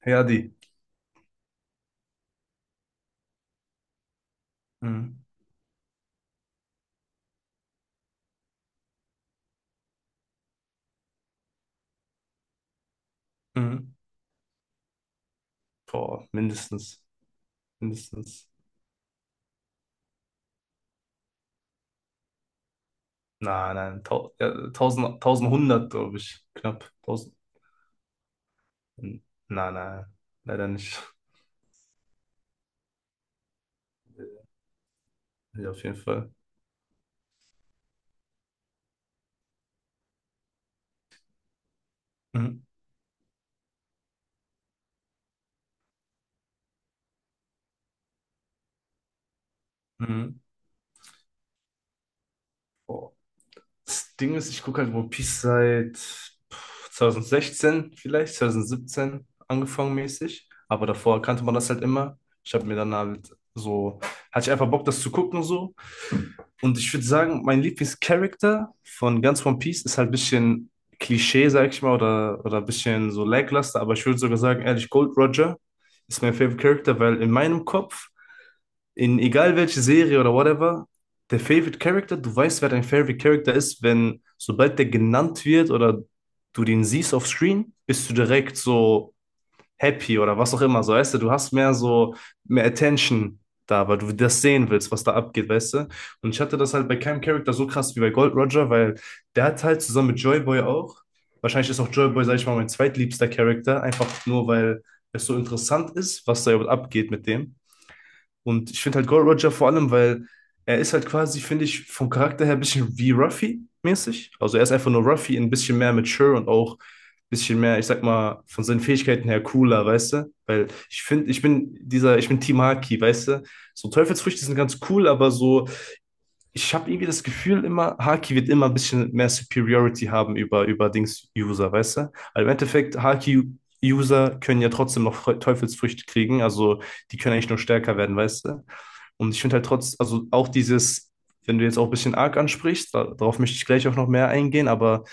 Herdi. Mhm. Mhm. Boah, mindestens. Mindestens. Nein, nein. Tau Ja, 1000, 1100, glaube ich. Knapp 1000. Nein, nein. Leider nicht. Ja, auf jeden Fall. Mhm. Mhm. Boah. Das Ding ist, ich gucke halt One Piece seit 2016 vielleicht, 2017 angefangen mäßig. Aber davor kannte man das halt immer. Ich habe mir dann halt so, Hatte ich einfach Bock, das zu gucken so. Und ich würde sagen, mein Lieblingscharakter von ganz One Piece ist halt ein bisschen Klischee, sag ich mal, oder ein bisschen so lackluster, aber ich würde sogar sagen, ehrlich, Gold Roger ist mein Favorite Character, weil in meinem Kopf, in egal welche Serie oder whatever, der Favorite Character, du weißt, wer dein Favorite Character ist, wenn sobald der genannt wird oder du den siehst auf Screen, bist du direkt so happy oder was auch immer. So, weißt du, du hast mehr so, mehr Attention da, weil du das sehen willst, was da abgeht, weißt du? Und ich hatte das halt bei keinem Charakter so krass wie bei Gold Roger, weil der hat halt zusammen mit Joy Boy auch, wahrscheinlich ist auch Joy Boy, sag ich mal, mein zweitliebster Charakter, einfach nur, weil es so interessant ist, was da überhaupt abgeht mit dem. Und ich finde halt Gold Roger vor allem, weil er ist halt quasi, finde ich, vom Charakter her ein bisschen wie Ruffy mäßig. Also er ist einfach nur Ruffy, ein bisschen mehr mature und auch bisschen mehr, ich sag mal, von seinen Fähigkeiten her cooler, weißt du? Weil ich finde, ich bin Team Haki, weißt du? So Teufelsfrüchte sind ganz cool, aber so, ich habe irgendwie das Gefühl immer, Haki wird immer ein bisschen mehr Superiority haben über, Dings-User, weißt du? Weil im Endeffekt, Haki-User können ja trotzdem noch Teufelsfrüchte kriegen, also die können eigentlich nur stärker werden, weißt du? Und ich finde halt trotz, also auch dieses, wenn du jetzt auch ein bisschen Arc ansprichst, da, darauf möchte ich gleich auch noch mehr eingehen, aber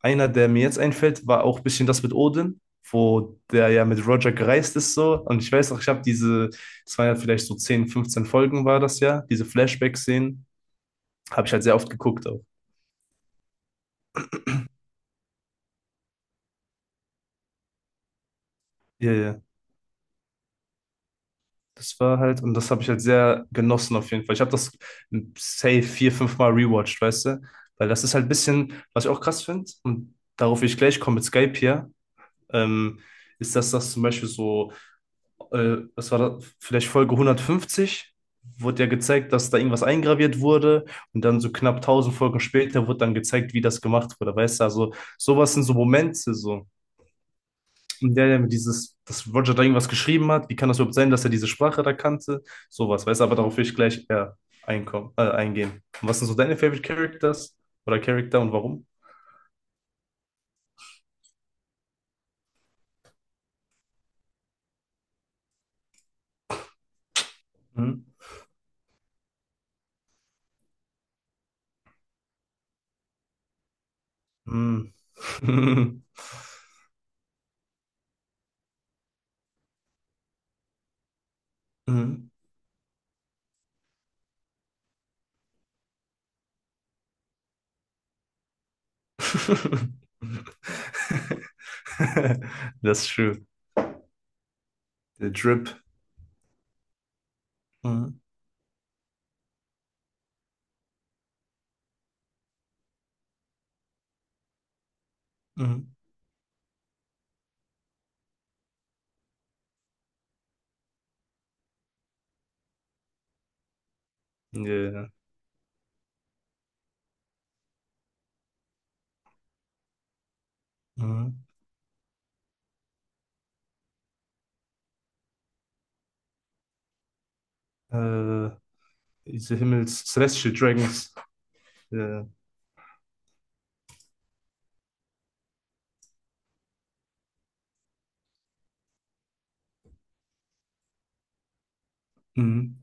einer, der mir jetzt einfällt, war auch ein bisschen das mit Odin, wo der ja mit Roger gereist ist so. Und ich weiß noch, das waren ja vielleicht so 10, 15 Folgen war das ja, diese Flashback-Szenen, habe ich halt sehr oft geguckt auch. Ja, ja. Das war halt, und das habe ich halt sehr genossen auf jeden Fall. Ich habe das safe vier, fünf Mal rewatcht, weißt du? Weil das ist halt ein bisschen, was ich auch krass finde, und darauf will ich gleich kommen mit Skype hier, ähm, ist, dass das zum Beispiel so was war das, vielleicht Folge 150, wurde ja gezeigt, dass da irgendwas eingraviert wurde und dann so knapp 1000 Folgen später wurde dann gezeigt, wie das gemacht wurde, weißt du, also sowas sind so Momente, so, in der er dieses, dass Roger da irgendwas geschrieben hat, wie kann das überhaupt sein, dass er diese Sprache da kannte, sowas, weißt du, aber darauf will ich gleich eher einkommen, eingehen. Und was sind so deine Favorite Characters oder Charakter und warum? Hm? Hm. Hm. Das ist schön. Der Drip. Mhm. Mhm. Ja. Mhm. Äh, diese Himmels Celestial Dragons. Ja. Yeah. Mhm.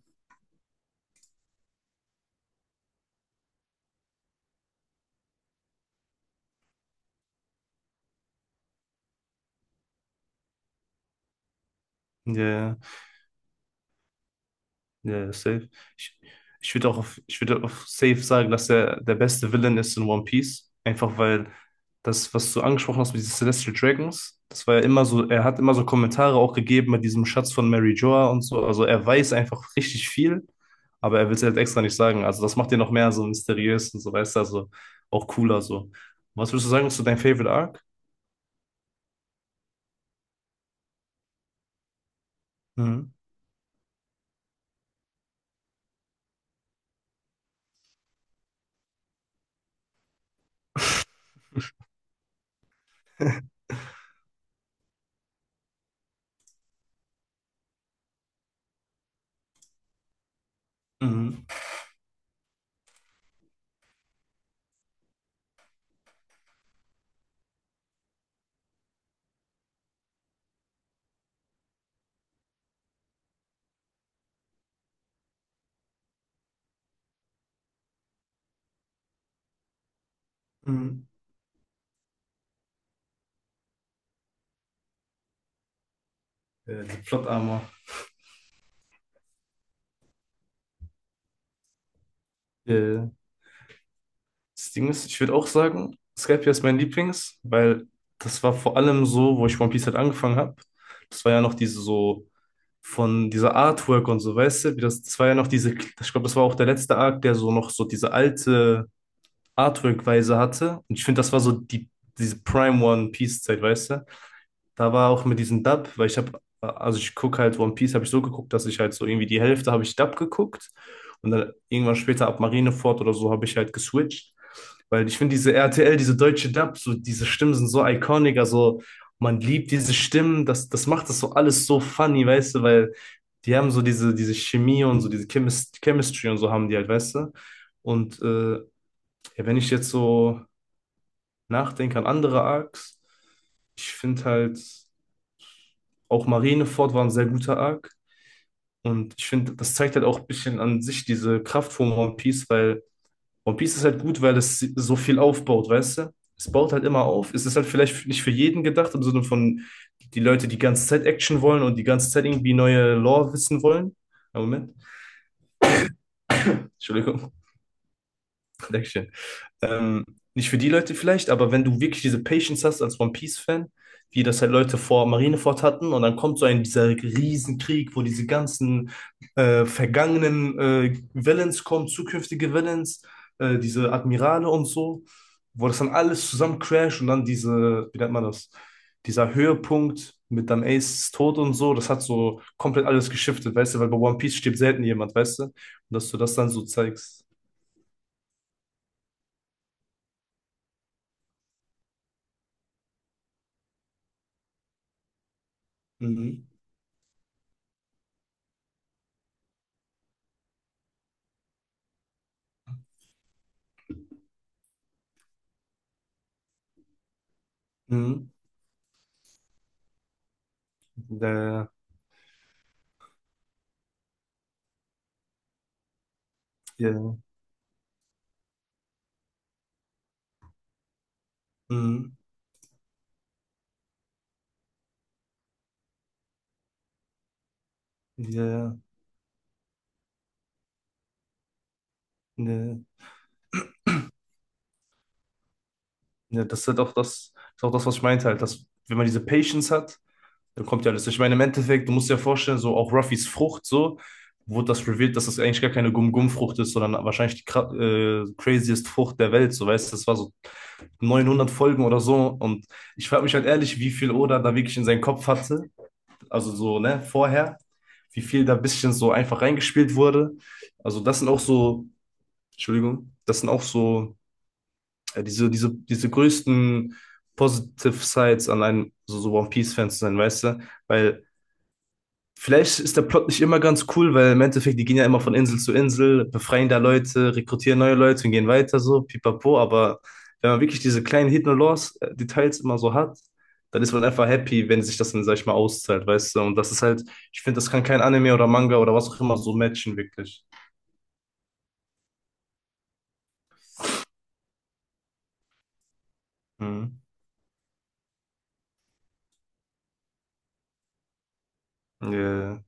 Ja. Yeah. Ja, safe. Ich, ich ich würde auf safe sagen, dass er der beste Villain ist in One Piece. Einfach weil das, was du angesprochen hast mit diesen Celestial Dragons, das war ja immer so, er hat immer so Kommentare auch gegeben mit diesem Schatz von Mary Joa und so. Also er weiß einfach richtig viel, aber er will es halt extra nicht sagen. Also das macht ihn noch mehr so mysteriös und so, weißt du, also auch cooler so. Was würdest du sagen, ist so dein Favorite Arc? Mhm. Mhm. Mhm. Die Plot Armor. Das Ding ist, ich würde auch sagen, Skypiea ist mein Lieblings, weil das war vor allem so, wo ich One Piece halt angefangen habe. Das war ja noch diese so von dieser Artwork und so, weißt du, wie das, das war ja noch diese, ich glaube, das war auch der letzte Arc, der so noch so diese alte Artwork-Weise hatte. Und ich finde, das war so die, diese Prime One Piece-Zeit, weißt du? Da war auch mit diesem Dub, also ich gucke halt One Piece, habe ich so geguckt, dass ich halt so irgendwie die Hälfte habe ich Dub geguckt und dann irgendwann später ab Marineford oder so habe ich halt geswitcht, weil ich finde diese RTL, diese deutsche Dub, so diese Stimmen sind so iconic, also man liebt diese Stimmen, das macht das so alles so funny, weißt du, weil die haben so diese, diese Chemie und so diese Chemistry und so haben die halt, weißt du. Und ja, wenn ich jetzt so nachdenke an andere Arcs, ich finde halt. Auch Marineford war ein sehr guter Arc. Und ich finde, das zeigt halt auch ein bisschen an sich diese Kraft von One Piece, weil One Piece ist halt gut, weil es so viel aufbaut, weißt du? Es baut halt immer auf. Es ist halt vielleicht nicht für jeden gedacht, im Sinne von die Leute, die ganze Zeit Action wollen und die ganze Zeit irgendwie neue Lore wissen wollen. Ah, Moment, Entschuldigung, Dankeschön. Ähm, nicht für die Leute vielleicht, aber wenn du wirklich diese Patience hast als One Piece-Fan, wie das halt Leute vor Marineford hatten, und dann kommt so ein dieser Riesenkrieg, wo diese ganzen vergangenen Villains kommen, zukünftige Villains, diese Admirale und so, wo das dann alles zusammen crasht und dann diese, wie nennt man das, dieser Höhepunkt mit dann Aces Tod und so, das hat so komplett alles geschiftet, weißt du, weil bei One Piece stirbt selten jemand, weißt du, und dass du das dann so zeigst. Mhm. Mhm. Der, Ja, mhm. Ja, ja, ja, das ist halt auch das, ist auch das, was ich meinte, halt, dass wenn man diese Patience hat, dann kommt ja alles. Ich meine, im Endeffekt, du musst dir ja vorstellen, so auch Ruffys Frucht, so wurde das revealed, dass das eigentlich gar keine Gum-Gum-Frucht ist, sondern wahrscheinlich die craziest Frucht der Welt, so weißt du, das war so 900 Folgen oder so und ich frage mich halt ehrlich, wie viel Oda da wirklich in seinen Kopf hatte, also so, ne, vorher, wie viel da ein bisschen so einfach reingespielt wurde. Also das sind auch so, Entschuldigung, das sind auch so ja, diese größten Positive Sides an einem, so, so One Piece-Fan zu sein, weißt du? Weil vielleicht ist der Plot nicht immer ganz cool, weil im Endeffekt, die gehen ja immer von Insel zu Insel, befreien da Leute, rekrutieren neue Leute und gehen weiter so, pipapo, aber wenn man wirklich diese kleinen Hidden Laws Details immer so hat, dann ist man einfach happy, wenn sich das dann, sag ich mal, auszahlt, weißt du? Und das ist halt, ich finde, das kann kein Anime oder Manga oder was auch immer so matchen, wirklich. Mhm. Ja,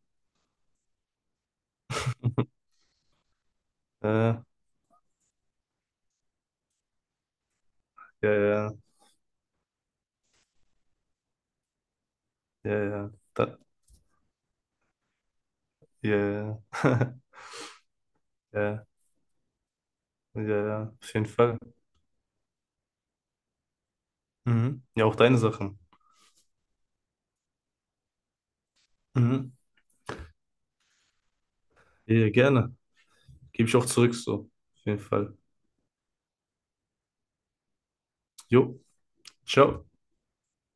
ja, ja, ja, ja, ja, ja, ja. Ja. Ja, ja, ja, auf jeden Fall. Mhm. Ja, auch deine Sachen. Mhm. Ja, gerne. Gebe ich auch zurück, so. Auf jeden Fall. Jo, ciao.